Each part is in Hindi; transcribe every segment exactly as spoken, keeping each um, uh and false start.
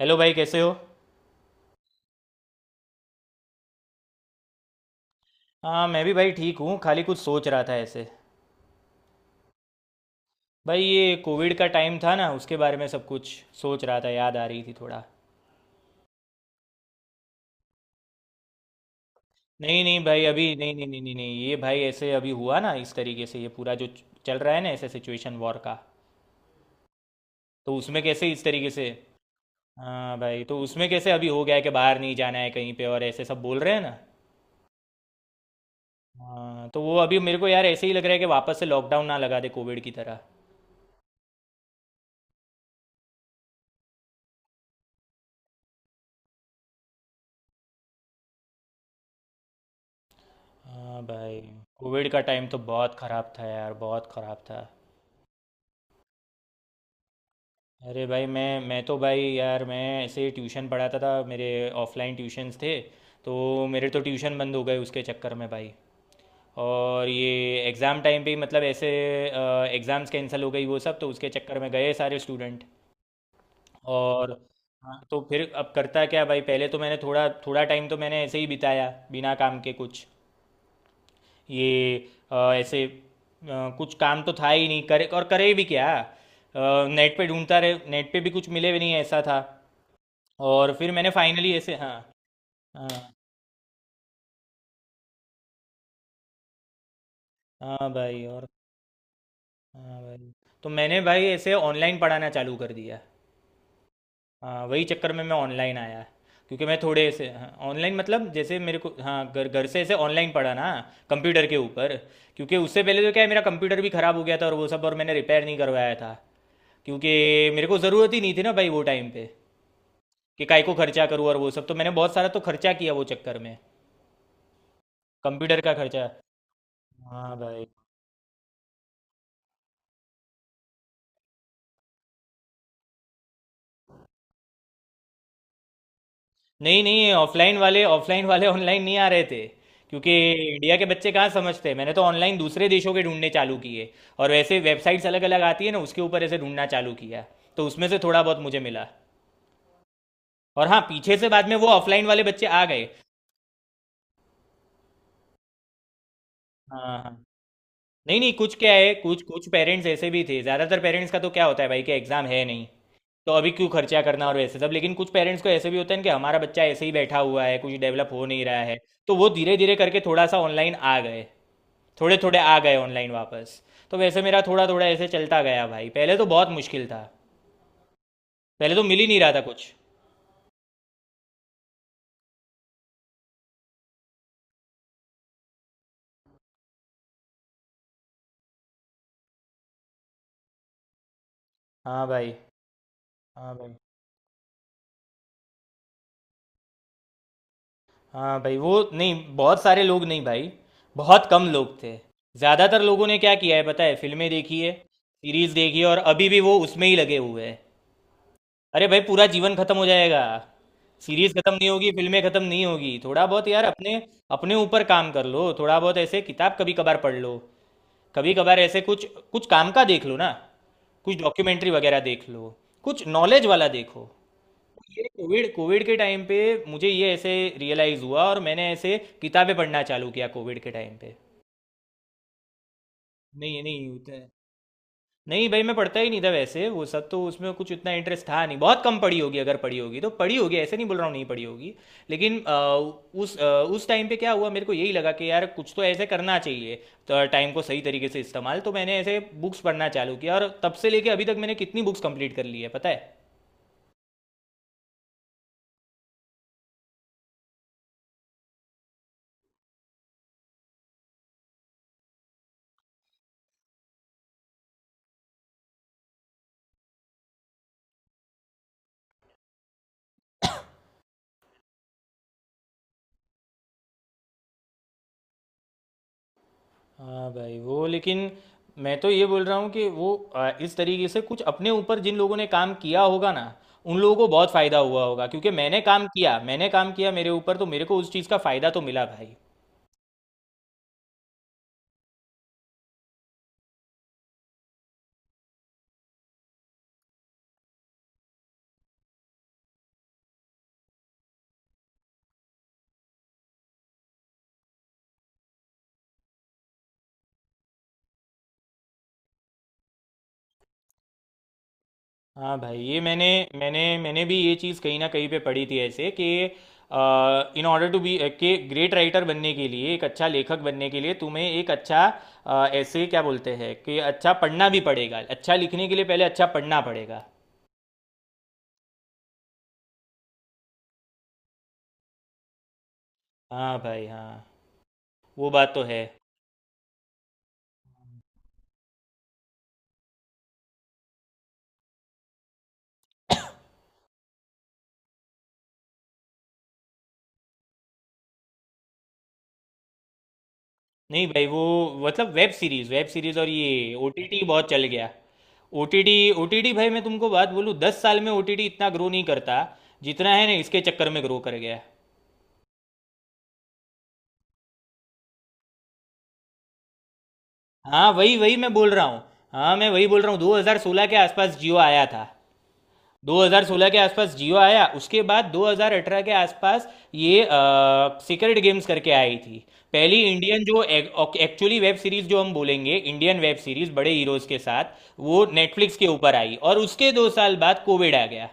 हेलो भाई, कैसे हो। हाँ, मैं भी भाई ठीक हूँ, खाली कुछ सोच रहा था ऐसे। भाई ये कोविड का टाइम था ना, उसके बारे में सब कुछ सोच रहा था, याद आ रही थी थोड़ा। नहीं नहीं भाई, अभी नहीं नहीं नहीं नहीं नहीं, ये भाई ऐसे अभी हुआ ना, इस तरीके से, ये पूरा जो चल रहा है ना ऐसे, सिचुएशन वॉर का। तो उसमें कैसे इस तरीके से। हाँ भाई, तो उसमें कैसे अभी हो गया है कि बाहर नहीं जाना है कहीं पे, और ऐसे सब बोल रहे हैं ना। हाँ, तो वो अभी मेरे को यार ऐसे ही लग रहा है कि वापस से लॉकडाउन ना लगा दे, कोविड की तरह। हाँ भाई, कोविड का टाइम तो बहुत ख़राब था यार, बहुत ख़राब था। अरे भाई मैं मैं तो भाई यार मैं ऐसे ट्यूशन पढ़ाता था मेरे, ऑफलाइन ट्यूशन्स थे तो मेरे तो ट्यूशन बंद हो गए उसके चक्कर में भाई। और ये एग्ज़ाम टाइम पे ही मतलब ऐसे एग्ज़ाम्स कैंसिल हो गई वो सब, तो उसके चक्कर में गए सारे स्टूडेंट। और हाँ, तो फिर अब करता क्या भाई, पहले तो मैंने थोड़ा थोड़ा टाइम तो मैंने ऐसे ही बिताया बिना काम के कुछ ये, अ, ऐसे अ, कुछ काम तो था ही नहीं, करे और करे भी क्या। नेट पे ढूंढता रहे, नेट पे भी कुछ मिले भी नहीं, ऐसा था। और फिर मैंने फाइनली ऐसे हाँ, हाँ हाँ भाई, और हाँ भाई तो मैंने भाई ऐसे ऑनलाइन पढ़ाना चालू कर दिया। हाँ, वही चक्कर में मैं ऑनलाइन आया क्योंकि मैं थोड़े ऐसे। ऑनलाइन मतलब जैसे मेरे को हाँ, घर घर से ऐसे ऑनलाइन पढ़ा ना, कंप्यूटर के ऊपर। क्योंकि उससे पहले तो क्या है, मेरा कंप्यूटर भी ख़राब हो गया था और वो सब, और मैंने रिपेयर नहीं करवाया था क्योंकि मेरे को ज़रूरत ही नहीं थी ना भाई वो टाइम पे, कि काय को खर्चा करूँ और वो सब, तो मैंने बहुत सारा तो खर्चा किया वो चक्कर में, कंप्यूटर का खर्चा। हाँ भाई, नहीं नहीं, ऑफलाइन वाले ऑफलाइन वाले ऑनलाइन नहीं आ रहे थे क्योंकि इंडिया के बच्चे कहाँ समझते हैं। मैंने तो ऑनलाइन दूसरे देशों के ढूंढने चालू किए, और वैसे वेबसाइट्स अलग अलग आती है ना, उसके ऊपर ऐसे ढूंढना चालू किया। तो उसमें से थोड़ा बहुत मुझे मिला, और हाँ, पीछे से बाद में वो ऑफलाइन वाले बच्चे आ गए। हाँ हाँ। नहीं नहीं, कुछ क्या है, कुछ कुछ पेरेंट्स ऐसे भी थे। ज़्यादातर पेरेंट्स का तो क्या होता है भाई कि एग्ज़ाम है नहीं तो अभी क्यों खर्चा करना और वैसे सब, लेकिन कुछ पेरेंट्स को ऐसे भी होते हैं कि हमारा बच्चा ऐसे ही बैठा हुआ है, कुछ डेवलप हो नहीं रहा है। तो वो धीरे धीरे करके थोड़ा सा ऑनलाइन आ गए, थोड़े थोड़े आ गए ऑनलाइन वापस। तो वैसे मेरा थोड़ा थोड़ा ऐसे चलता गया भाई, पहले तो बहुत मुश्किल था, पहले तो मिल ही नहीं रहा था कुछ। हाँ भाई, हाँ भाई, हाँ भाई वो नहीं, बहुत सारे लोग नहीं भाई, बहुत कम लोग थे। ज़्यादातर लोगों ने क्या किया है पता है, फिल्में देखी है, सीरीज देखी है, और अभी भी वो उसमें ही लगे हुए हैं। अरे भाई, पूरा जीवन खत्म हो जाएगा, सीरीज खत्म नहीं होगी, फिल्में खत्म नहीं होगी। थोड़ा बहुत यार अपने अपने ऊपर काम कर लो, थोड़ा बहुत ऐसे किताब कभी कभार पढ़ लो, कभी कभार ऐसे कुछ कुछ काम का देख लो ना, कुछ डॉक्यूमेंट्री वगैरह देख लो, कुछ नॉलेज वाला देखो। ये कोविड कोविड के टाइम पे मुझे ये ऐसे रियलाइज हुआ, और मैंने ऐसे किताबें पढ़ना चालू किया कोविड के टाइम पे। नहीं नहीं, उतना नहीं भाई, मैं पढ़ता ही नहीं था वैसे वो सब, तो उसमें कुछ इतना इंटरेस्ट था नहीं, बहुत कम पढ़ी होगी, अगर पढ़ी होगी तो पढ़ी होगी ऐसे, नहीं बोल रहा हूँ नहीं पढ़ी होगी। लेकिन अ, उस अ, उस टाइम पे क्या हुआ, मेरे को यही लगा कि यार कुछ तो ऐसे करना चाहिए। तो टाइम को सही तरीके से इस्तेमाल, तो मैंने ऐसे बुक्स पढ़ना चालू किया, और तब से लेके अभी तक मैंने कितनी बुक्स कंप्लीट कर ली है पता है। हाँ भाई वो, लेकिन मैं तो ये बोल रहा हूँ कि वो आ, इस तरीके से कुछ अपने ऊपर जिन लोगों ने काम किया होगा ना, उन लोगों को बहुत फायदा हुआ होगा। क्योंकि मैंने काम किया, मैंने काम किया मेरे ऊपर, तो मेरे को उस चीज़ का फायदा तो मिला भाई। हाँ भाई, ये मैंने मैंने मैंने भी ये चीज़ कहीं ना कहीं पे पढ़ी थी ऐसे कि इन ऑर्डर टू बी के ग्रेट राइटर, बनने के लिए एक अच्छा लेखक बनने के लिए तुम्हें एक अच्छा अ, ऐसे क्या बोलते हैं, कि अच्छा पढ़ना भी पड़ेगा, अच्छा लिखने के लिए पहले अच्छा पढ़ना पड़ेगा। हाँ भाई, हाँ वो बात तो है। नहीं भाई वो, मतलब वेब सीरीज वेब सीरीज और ये ओटीटी बहुत चल गया। ओटीटी, ओटीटी भाई मैं तुमको बात बोलूँ, दस साल में ओटीटी इतना ग्रो नहीं करता जितना है ना इसके चक्कर में ग्रो कर गया। हाँ वही वही मैं बोल रहा हूँ, हाँ मैं वही बोल रहा हूँ, दो हज़ार सोलह के आसपास जियो आया था। दो हज़ार सोलह के आसपास जियो आया, उसके बाद दो हज़ार अठारह के आसपास ये सीक्रेट गेम्स करके आई थी, पहली इंडियन जो एक्चुअली वेब सीरीज जो हम बोलेंगे इंडियन वेब सीरीज बड़े हीरोज के साथ, वो नेटफ्लिक्स के ऊपर आई, और उसके दो साल बाद कोविड आ गया।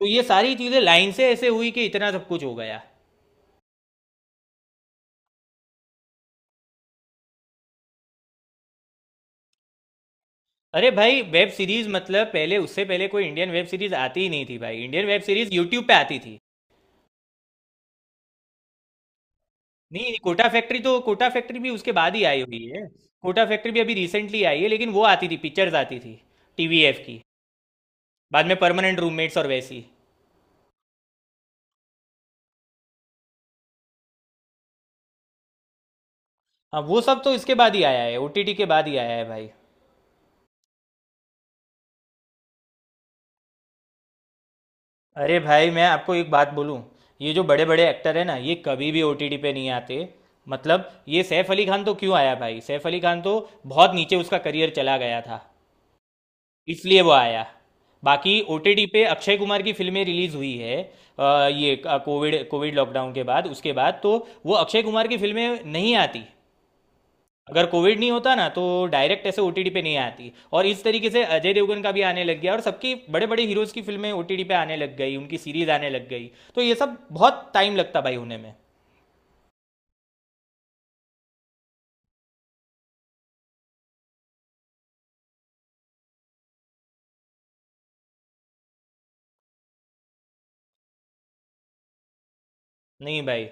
तो ये सारी चीजें लाइन से ऐसे हुई कि इतना सब कुछ हो गया। अरे भाई, वेब सीरीज मतलब पहले, उससे पहले कोई इंडियन वेब सीरीज आती ही नहीं थी भाई, इंडियन वेब सीरीज यूट्यूब पे आती थी। नहीं, कोटा फैक्ट्री तो, कोटा फैक्ट्री भी उसके बाद ही आई हुई है। कोटा फैक्ट्री भी अभी रिसेंटली आई है, लेकिन वो आती थी पिक्चर्स आती थी टीवीएफ की, बाद में परमानेंट रूममेट्स और वैसी। हाँ वो सब तो इसके बाद ही आया है, ओटीटी के बाद ही आया है भाई। अरे भाई, मैं आपको एक बात बोलूँ, ये जो बड़े बड़े एक्टर हैं ना, ये कभी भी ओटीटी पे नहीं आते। मतलब ये सैफ अली खान तो क्यों आया भाई, सैफ अली खान तो बहुत नीचे उसका करियर चला गया था, इसलिए वो आया। बाकी ओटीटी पे अक्षय कुमार की फिल्में रिलीज हुई है अ, ये कोविड कोविड लॉकडाउन के बाद, उसके बाद तो वो अक्षय कुमार की फिल्में नहीं आती। अगर कोविड नहीं होता ना तो डायरेक्ट ऐसे ओटीटी पे नहीं आती, और इस तरीके से अजय देवगन का भी आने लग गया, और सबकी बड़े बड़े हीरोज की फिल्में ओटीटी पे आने लग गई, उनकी सीरीज आने लग गई। तो ये सब बहुत टाइम लगता भाई होने में। नहीं भाई,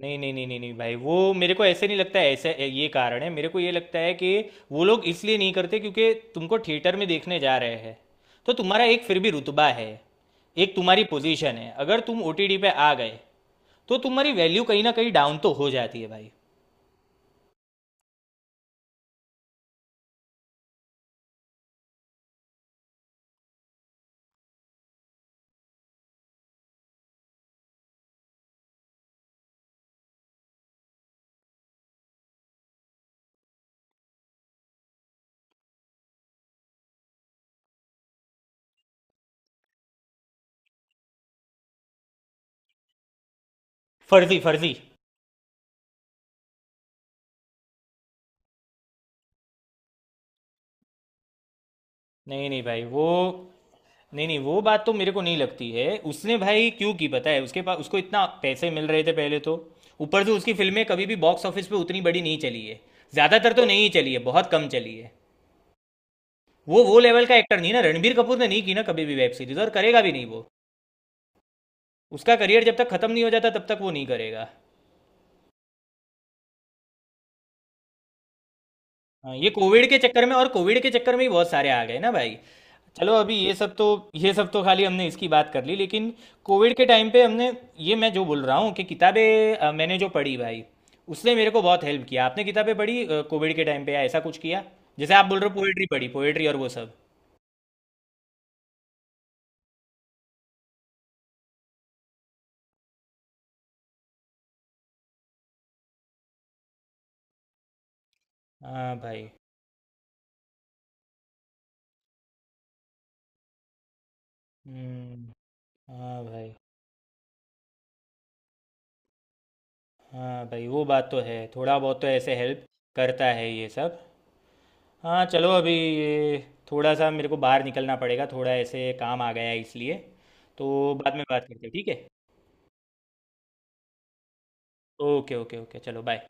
नहीं नहीं नहीं नहीं नहीं भाई, वो मेरे को ऐसे नहीं लगता है ऐसा। ये कारण है मेरे को ये लगता है कि वो लोग इसलिए नहीं करते क्योंकि तुमको थिएटर में देखने जा रहे हैं, तो तुम्हारा एक फिर भी रुतबा है, एक तुम्हारी पोजीशन है। अगर तुम ओटीटी पे आ गए तो तुम्हारी वैल्यू कहीं ना कहीं डाउन तो हो जाती है भाई। फर्जी, फर्जी। नहीं नहीं भाई वो, नहीं नहीं, वो बात तो मेरे को नहीं लगती है। उसने भाई क्यों की पता है, उसके पास उसको इतना पैसे मिल रहे थे पहले तो, ऊपर से उसकी फिल्में कभी भी बॉक्स ऑफिस पे उतनी बड़ी नहीं चली है, ज़्यादातर तो नहीं चली है, बहुत कम चली है। वो वो लेवल का एक्टर नहीं ना, रणबीर कपूर ने नहीं की ना कभी भी वेब सीरीज, और करेगा भी नहीं वो, उसका करियर जब तक खत्म नहीं हो जाता तब तक वो नहीं करेगा। हाँ, ये कोविड के चक्कर में, और कोविड के चक्कर में ही बहुत सारे आ गए ना भाई। चलो अभी ये सब तो, ये सब तो खाली हमने इसकी बात कर ली, लेकिन कोविड के टाइम पे हमने, ये मैं जो बोल रहा हूँ कि किताबें अ, मैंने जो पढ़ी भाई, उसने मेरे को बहुत हेल्प किया। आपने किताबें पढ़ी अ, कोविड के टाइम पे, या ऐसा कुछ किया जैसे आप बोल रहे हो पोएट्री, पढ़ी पोएट्री और वो सब। हाँ भाई, हम्म, हाँ भाई, हाँ भाई वो बात तो है, थोड़ा बहुत तो ऐसे हेल्प करता है ये सब। हाँ चलो, अभी ये थोड़ा सा मेरे को बाहर निकलना पड़ेगा, थोड़ा ऐसे काम आ गया है इसलिए, तो बाद में बात करते हैं ठीक है। ओके ओके ओके, चलो बाय।